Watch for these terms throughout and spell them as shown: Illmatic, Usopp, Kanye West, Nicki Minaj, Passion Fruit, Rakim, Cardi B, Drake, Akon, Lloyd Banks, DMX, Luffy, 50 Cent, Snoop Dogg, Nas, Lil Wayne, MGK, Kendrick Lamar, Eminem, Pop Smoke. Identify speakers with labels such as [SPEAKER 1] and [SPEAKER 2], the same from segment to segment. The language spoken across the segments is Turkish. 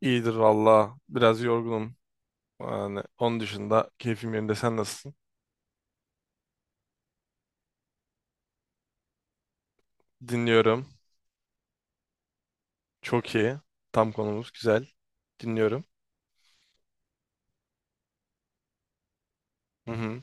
[SPEAKER 1] İyidir valla. Biraz yorgunum. Yani onun dışında keyfim yerinde. Sen nasılsın? Dinliyorum. Çok iyi. Tam konumuz güzel. Dinliyorum. Hı hı.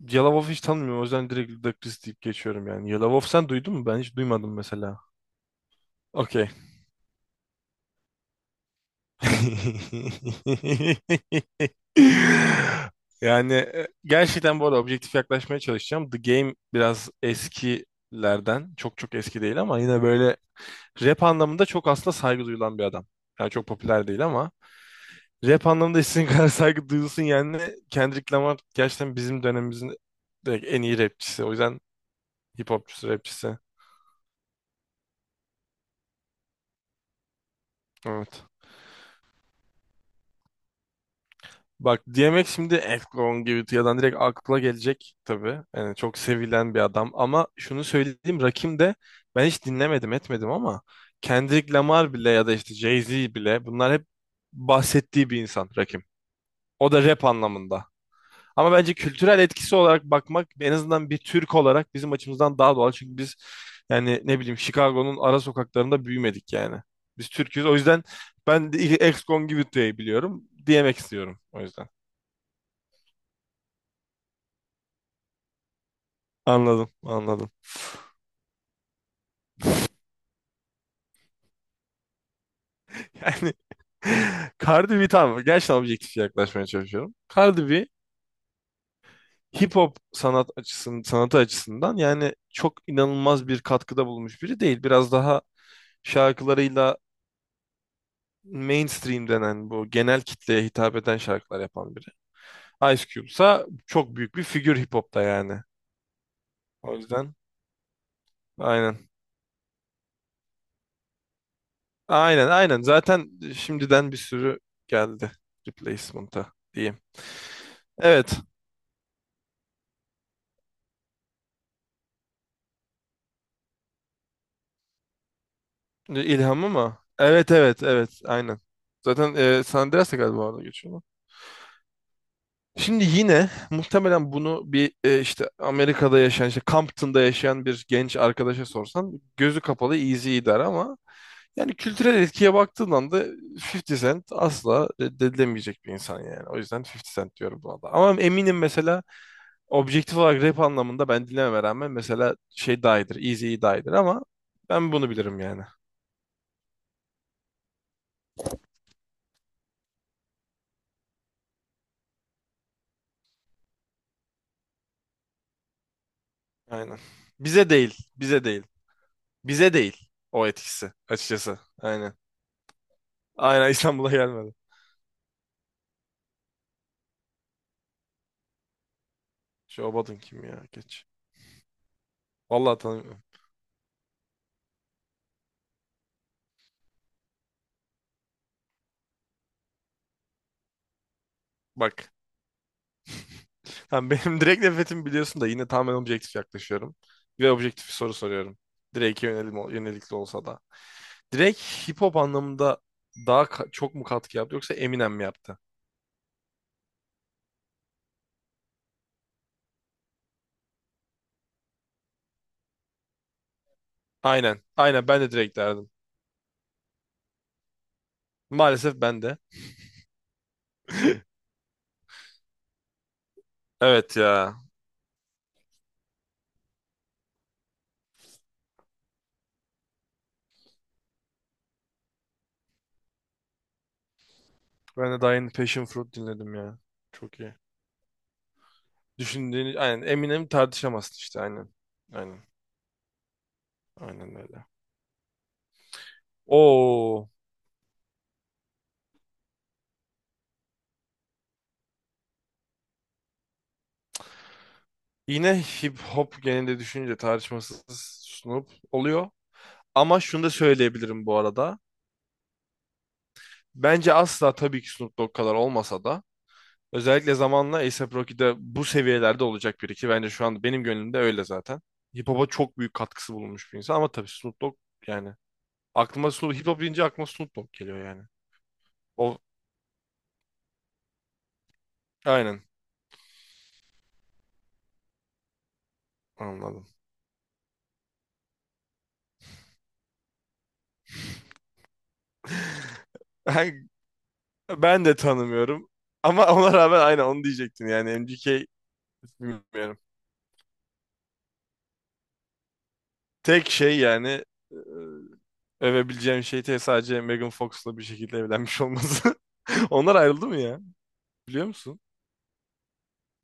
[SPEAKER 1] Yalavof hiç tanımıyorum. O yüzden direkt Ludak Chris deyip geçiyorum yani. Yalavof sen duydun mu? Ben hiç duymadım mesela. Okey. Yani gerçekten bu arada objektif yaklaşmaya çalışacağım. The Game biraz eskilerden. Çok çok eski değil ama yine böyle rap anlamında çok aslında saygı duyulan bir adam. Yani çok popüler değil ama. Rap anlamında istediğin kadar saygı duyulsun yani. Kendrick Lamar gerçekten bizim dönemimizin direkt en iyi rapçisi. O yüzden hip hopçusu, rapçisi. Evet. Bak DMX şimdi Akon gibi Excongivitia'dan direkt akla gelecek tabii. Yani çok sevilen bir adam ama şunu söyleyeyim Rakim de ben hiç dinlemedim etmedim ama Kendrick Lamar bile ya da işte Jay-Z bile bunlar hep bahsettiği bir insan Rakim. O da rap anlamında. Ama bence kültürel etkisi olarak bakmak en azından bir Türk olarak bizim açımızdan daha doğal. Çünkü biz yani ne bileyim Chicago'nun ara sokaklarında büyümedik yani. Biz Türk'üz. O yüzden ben de ex-Congivite'yi biliyorum diyemek istiyorum o yüzden. Anladım, anladım. Yani Cardi B tamam gerçekten objektif yaklaşmaya çalışıyorum. Cardi B hip hop sanatı açısından yani çok inanılmaz bir katkıda bulunmuş biri değil. Biraz daha şarkılarıyla mainstream denen bu genel kitleye hitap eden şarkılar yapan biri. Ice Cube'sa çok büyük bir figür hip hop'ta yani. O yüzden aynen. Aynen aynen. Zaten şimdiden bir sürü geldi replacement'a diyeyim. Evet. İlhamı mı? Evet evet evet aynen. Zaten San Andreas'a galiba orada geçiyor. Şimdi yine muhtemelen bunu bir işte Amerika'da yaşayan, işte Compton'da yaşayan bir genç arkadaşa sorsan gözü kapalı easy der ama yani kültürel etkiye baktığın anda 50 Cent asla reddedilemeyecek bir insan yani. O yüzden 50 Cent diyorum buna da. Ama eminim mesela objektif olarak rap anlamında ben dinlememe rağmen mesela şey daha iyidir, easy daha iyidir ama ben bunu bilirim yani. Aynen. Bize değil, bize değil. Bize değil o etkisi açıkçası. Aynen. Aynen İstanbul'a gelmedi. Şobat'ın kim ya? Geç. Vallahi tanımıyorum. Bak. Tamam, benim direkt nefretimi biliyorsun da yine tamamen objektif yaklaşıyorum. Ve objektif bir soru soruyorum. Drake'e yönelikli olsa da. Drake hip hop anlamında daha çok mu katkı yaptı yoksa Eminem mi yaptı? Aynen. Aynen ben de Drake derdim. Maalesef ben de. Evet ya. Ben de daha yeni Passion Fruit dinledim ya. Çok iyi. Düşündüğünü aynen Eminem tartışamazsın işte aynen. Aynen. Aynen öyle. Oo. Yine hip hop genelinde düşününce tartışmasız Snoop oluyor. Ama şunu da söyleyebilirim bu arada. Bence asla tabii ki Snoop Dogg kadar olmasa da özellikle zamanla A$AP Rocky'de bu seviyelerde olacak biri ki bence şu an benim gönlümde öyle zaten. Hip hop'a çok büyük katkısı bulunmuş bir insan ama tabii Snoop Dogg yani aklıma Snoop hip hop deyince aklıma Snoop Dogg geliyor yani. O aynen anladım. Ben, ben de tanımıyorum ama ona rağmen aynen onu diyecektim yani MGK bilmiyorum. Tek şey yani e, övebileceğim şey sadece Megan Fox'la bir şekilde evlenmiş olması. Onlar ayrıldı mı ya? Biliyor musun?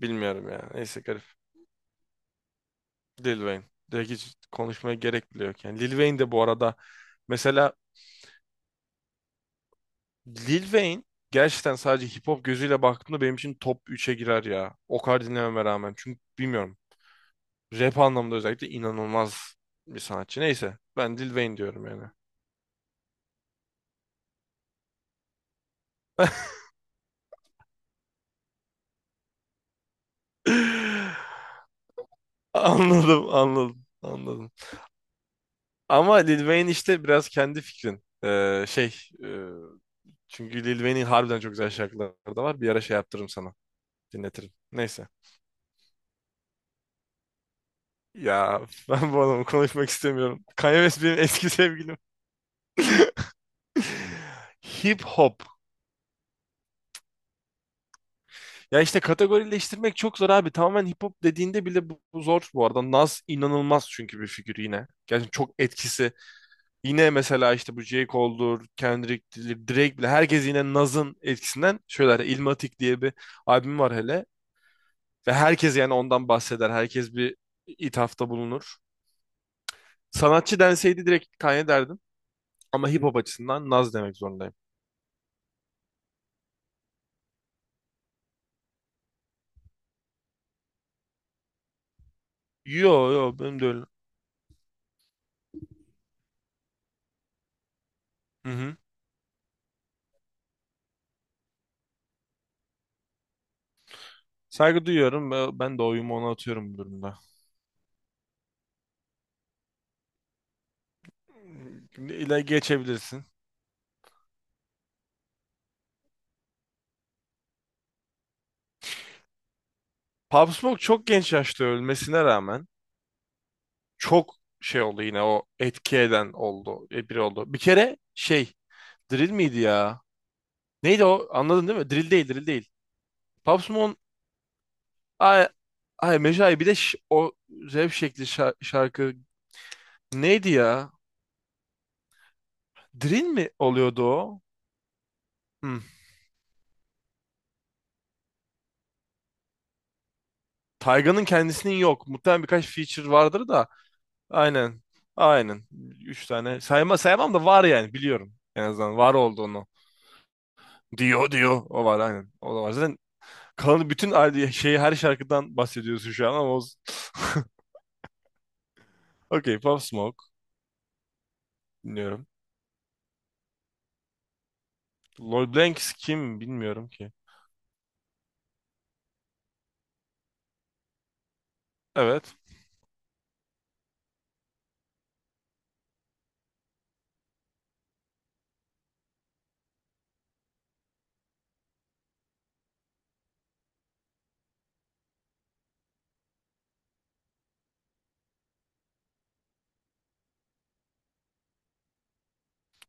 [SPEAKER 1] Bilmiyorum ya. Neyse garip. Lil Wayne. Direkt hiç konuşmaya gerek bile yok. Yani Lil Wayne de bu arada mesela Lil Wayne gerçekten sadece hip hop gözüyle baktığımda benim için top üçe girer ya. O kadar dinlememe rağmen. Çünkü bilmiyorum. Rap anlamında özellikle inanılmaz bir sanatçı. Neyse ben Lil Wayne diyorum yani. Anladım, anladım, anladım. Ama Lil Wayne işte biraz kendi fikrin. E, çünkü Lil Wayne'in harbiden çok güzel şarkıları da var. Bir ara şey yaptırırım sana. Dinletirim. Neyse. Ya ben bu adamı konuşmak istemiyorum. Kanye West benim eski sevgilim. Hip hop. Ya işte kategorileştirmek çok zor abi. Tamamen hip hop dediğinde bile bu zor bu arada. Nas inanılmaz çünkü bir figür yine. Gerçekten çok etkisi. Yine mesela işte bu J. Cole'dur, Kendrick'tir, Drake bile herkes yine Nas'ın etkisinden şöyle Illmatic diye bir albüm var hele. Ve herkes yani ondan bahseder. Herkes bir ithafta bulunur. Sanatçı denseydi direkt Kanye derdim. Ama hip hop açısından Naz demek zorundayım. Yo yo benim de öyle. Hı hı. Saygı duyuyorum ve ben de oyumu ona atıyorum bu durumda. Şimdi ile geçebilirsin. Pop Smoke çok genç yaşta ölmesine rağmen çok şey oldu yine o etki eden oldu. Biri oldu. Bir kere şey Drill miydi ya? Neydi o? Anladın değil mi? Drill değil, Drill değil. Pop Ay, ay Mecai bir de o rap şekli şarkı neydi ya? Drill mi oluyordu o? Hmm. Tayga'nın kendisinin yok. Muhtemelen birkaç feature vardır da. Aynen. Aynen. 3 tane. Sayamam da var yani biliyorum. En azından var olduğunu. Diyor diyor. O var aynen. O da var. Zaten kalanı bütün şeyi her şarkıdan bahsediyorsun şu an ama olsun. Okey. Pop Smoke. Dinliyorum. Lloyd Banks kim bilmiyorum ki. Evet.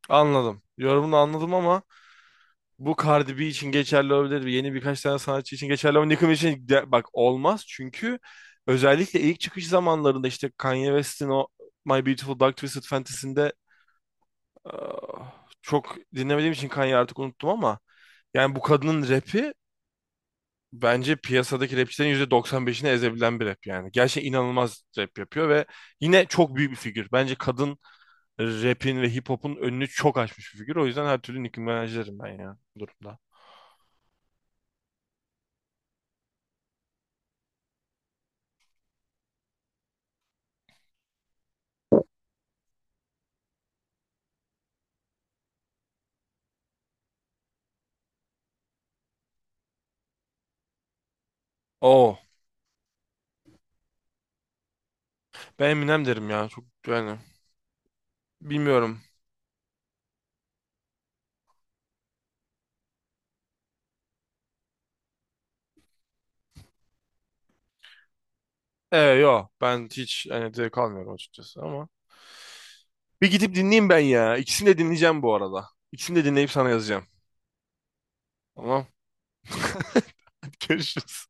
[SPEAKER 1] Anladım. Yorumunu anladım ama bu Cardi B için geçerli olabilir. Yeni birkaç tane sanatçı için geçerli ama Nicki Minaj için bak olmaz. Çünkü özellikle ilk çıkış zamanlarında işte Kanye West'in o My Beautiful Dark Twisted Fantasy'inde ah, çok dinlemediğim için Kanye'yi artık unuttum ama yani bu kadının rapi bence piyasadaki rapçilerin %95'ini ezebilen bir rap yani. Gerçekten inanılmaz rap yapıyor ve yine çok büyük bir figür. Bence kadın rapin ve hip hop'un önünü çok açmış bir figür. O yüzden her türlü Nicki Minaj'lerim ben ya bu durumda. Oo. Ben Eminem derim ya. Çok yani. Bilmiyorum. Yo. Ben hiç yani zevk almıyorum açıkçası ama. Bir gidip dinleyeyim ben ya. İkisini de dinleyeceğim bu arada. İkisini de dinleyip sana yazacağım. Tamam. Görüşürüz.